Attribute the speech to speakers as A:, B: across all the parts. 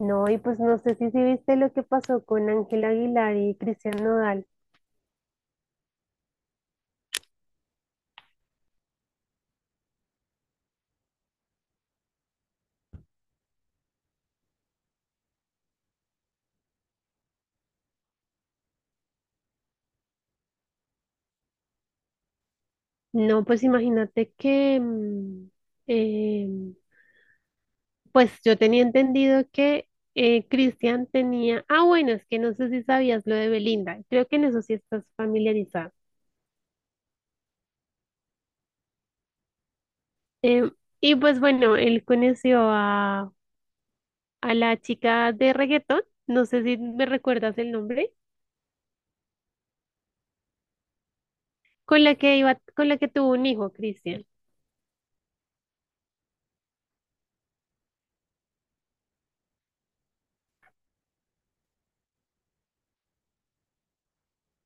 A: No, y pues no sé si viste lo que pasó con Ángel Aguilar y Cristian Nodal. No, pues imagínate que, em, pues yo tenía entendido que Cristian tenía, bueno, es que no sé si sabías lo de Belinda, creo que en eso sí estás familiarizada. Em, y pues bueno, él conoció a la chica de reggaetón, no sé si me recuerdas el nombre, con la que iba, con la que tuvo un hijo, Cristian,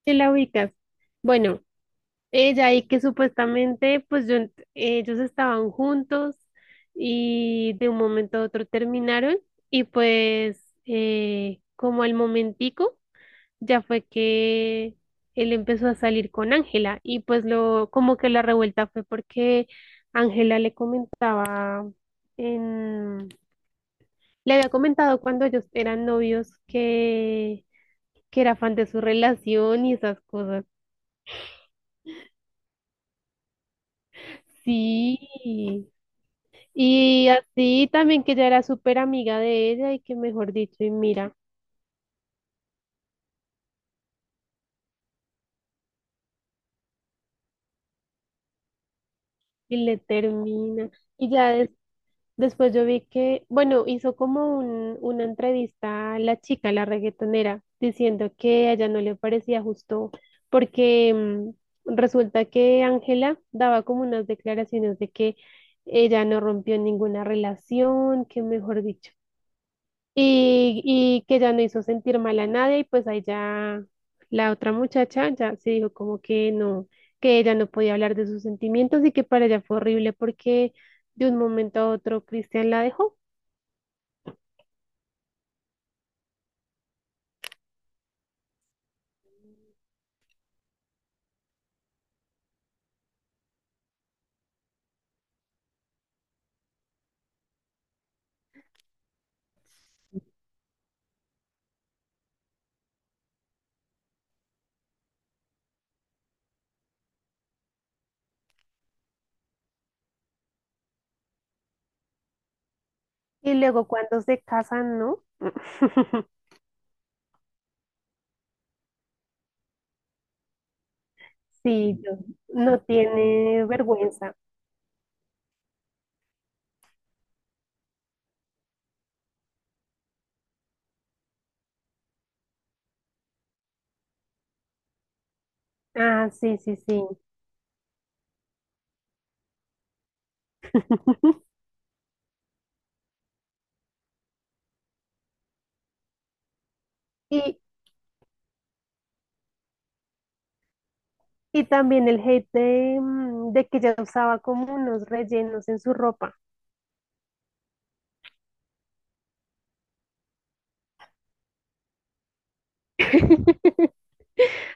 A: que la ubicas. Bueno. Ella y que supuestamente pues ellos estaban juntos y de un momento a otro terminaron y pues como al momentico ya fue que él empezó a salir con Ángela y pues lo como que la revuelta fue porque Ángela le comentaba en le había comentado cuando ellos eran novios que era fan de su relación y esas cosas. Sí. Y así también que ella era súper amiga de ella y que mejor dicho, y mira, y le termina. Y después yo vi que, bueno, hizo como una entrevista a la chica, la reggaetonera, diciendo que a ella no le parecía justo porque, resulta que Ángela daba como unas declaraciones de que ella no rompió ninguna relación, que mejor dicho. Y que ya no hizo sentir mal a nadie y pues ahí ya la otra muchacha ya se dijo como que no, que ella no podía hablar de sus sentimientos y que para ella fue horrible porque de un momento a otro Cristian la dejó y luego cuando se casan, ¿no? Sí, no tiene vergüenza. Ah, sí, sí, sí. Y, y también el hate de, de que ella usaba como unos rellenos en su ropa.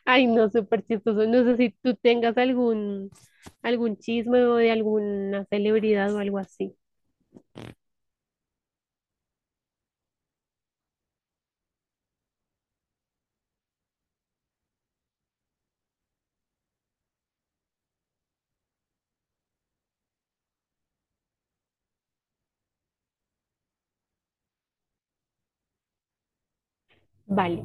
A: Ay, no, súper chistoso. No sé si tú tengas algún chisme o de alguna celebridad o algo así. Vale,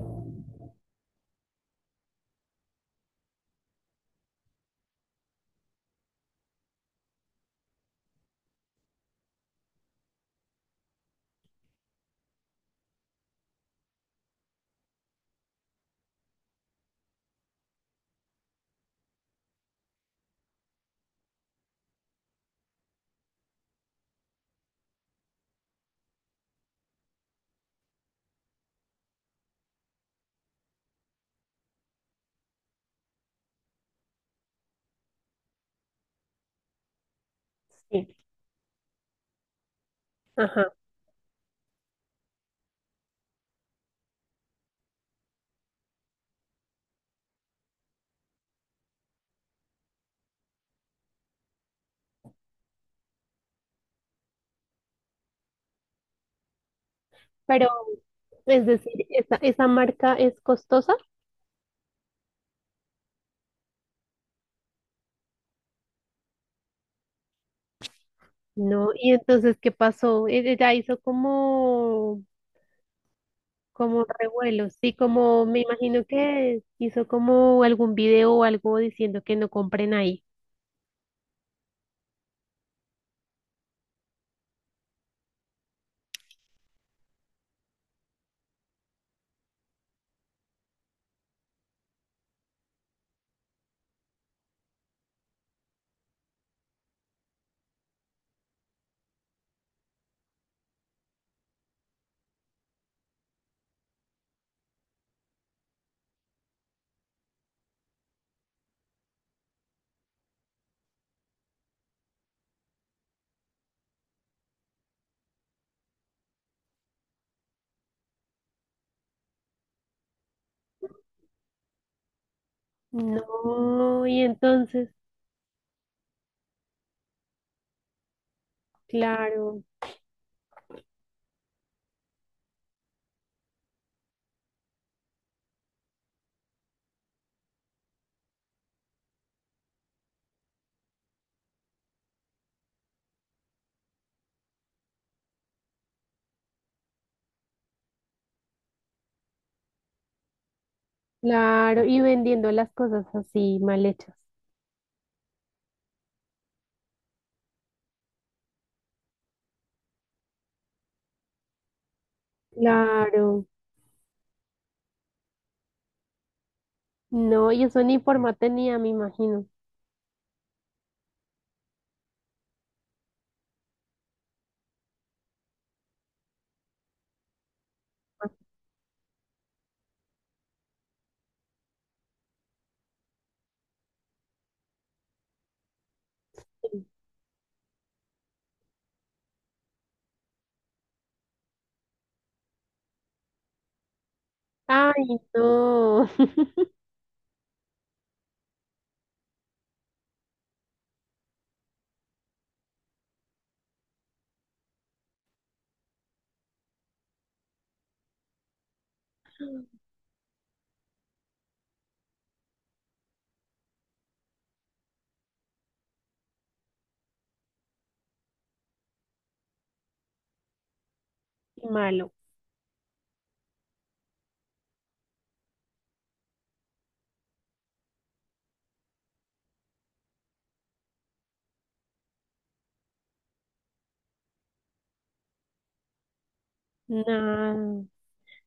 A: sí, ajá. Pero, es decir, esa marca es costosa, ¿no? Y entonces, ¿qué pasó? Ella hizo como, como revuelo, sí, como me imagino que hizo como algún video o algo diciendo que no compren ahí. No, y entonces, claro. Claro, y vendiendo las cosas así mal hechas. Claro. No, y eso ni forma tenía, me imagino. Ay, no. Qué malo. No.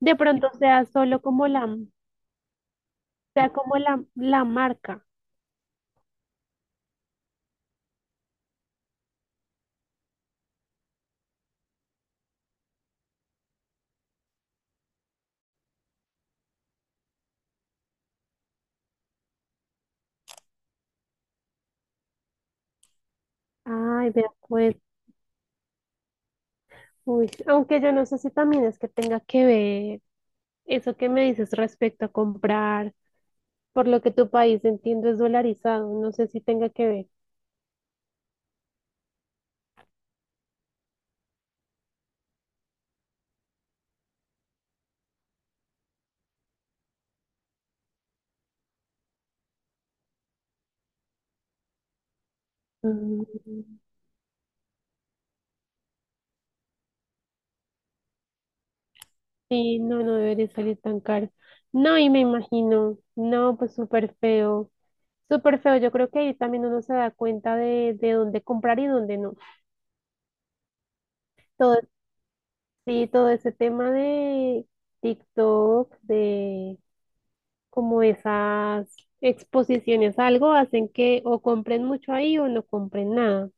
A: De pronto sea solo como sea como la marca. Ay, de acuerdo. Uy, aunque yo no sé si también es que tenga que ver eso que me dices respecto a comprar, por lo que tu país entiendo es dolarizado. No sé si tenga que ver. Mm. Sí, no, no debería salir tan caro. No, y me imagino, no, pues súper feo, súper feo. Yo creo que ahí también uno se da cuenta de dónde comprar y dónde no. Todo, sí, todo ese tema de TikTok, de como esas exposiciones, algo hacen que o compren mucho ahí o no compren nada.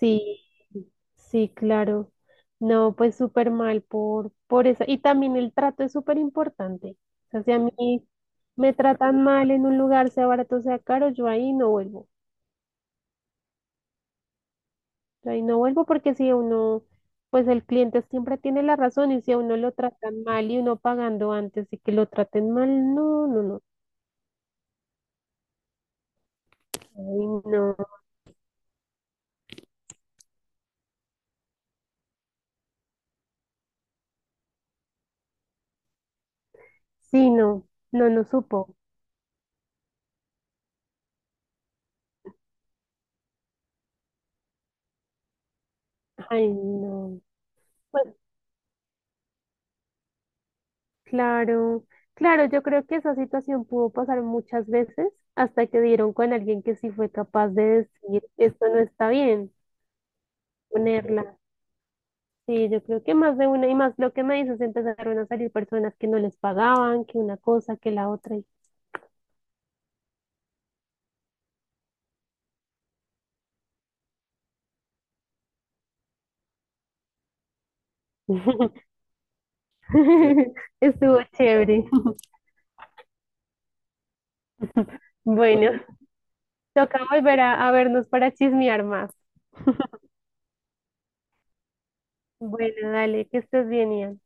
A: Sí, sí, claro. No, pues súper mal por eso. Y también el trato es súper importante. O sea, si a mí me tratan mal en un lugar, sea barato, sea caro, yo ahí no vuelvo. Yo ahí no vuelvo porque si a uno, pues el cliente siempre tiene la razón y si a uno lo tratan mal y uno pagando antes y que lo traten mal, no, no, no. Ay, no. Sí, no, no, no supo. Ay, no. Pues claro, claro, yo creo que esa situación pudo pasar muchas veces hasta que dieron con alguien que sí fue capaz de decir, esto no está bien, ponerla. Sí, yo creo que más de una y más lo que me dices, empezaron a salir personas que no les pagaban, que una cosa, que la otra. Y... Estuvo chévere. Bueno, toca volver a vernos para chismear más. Bueno, dale, que estés bien, Ian.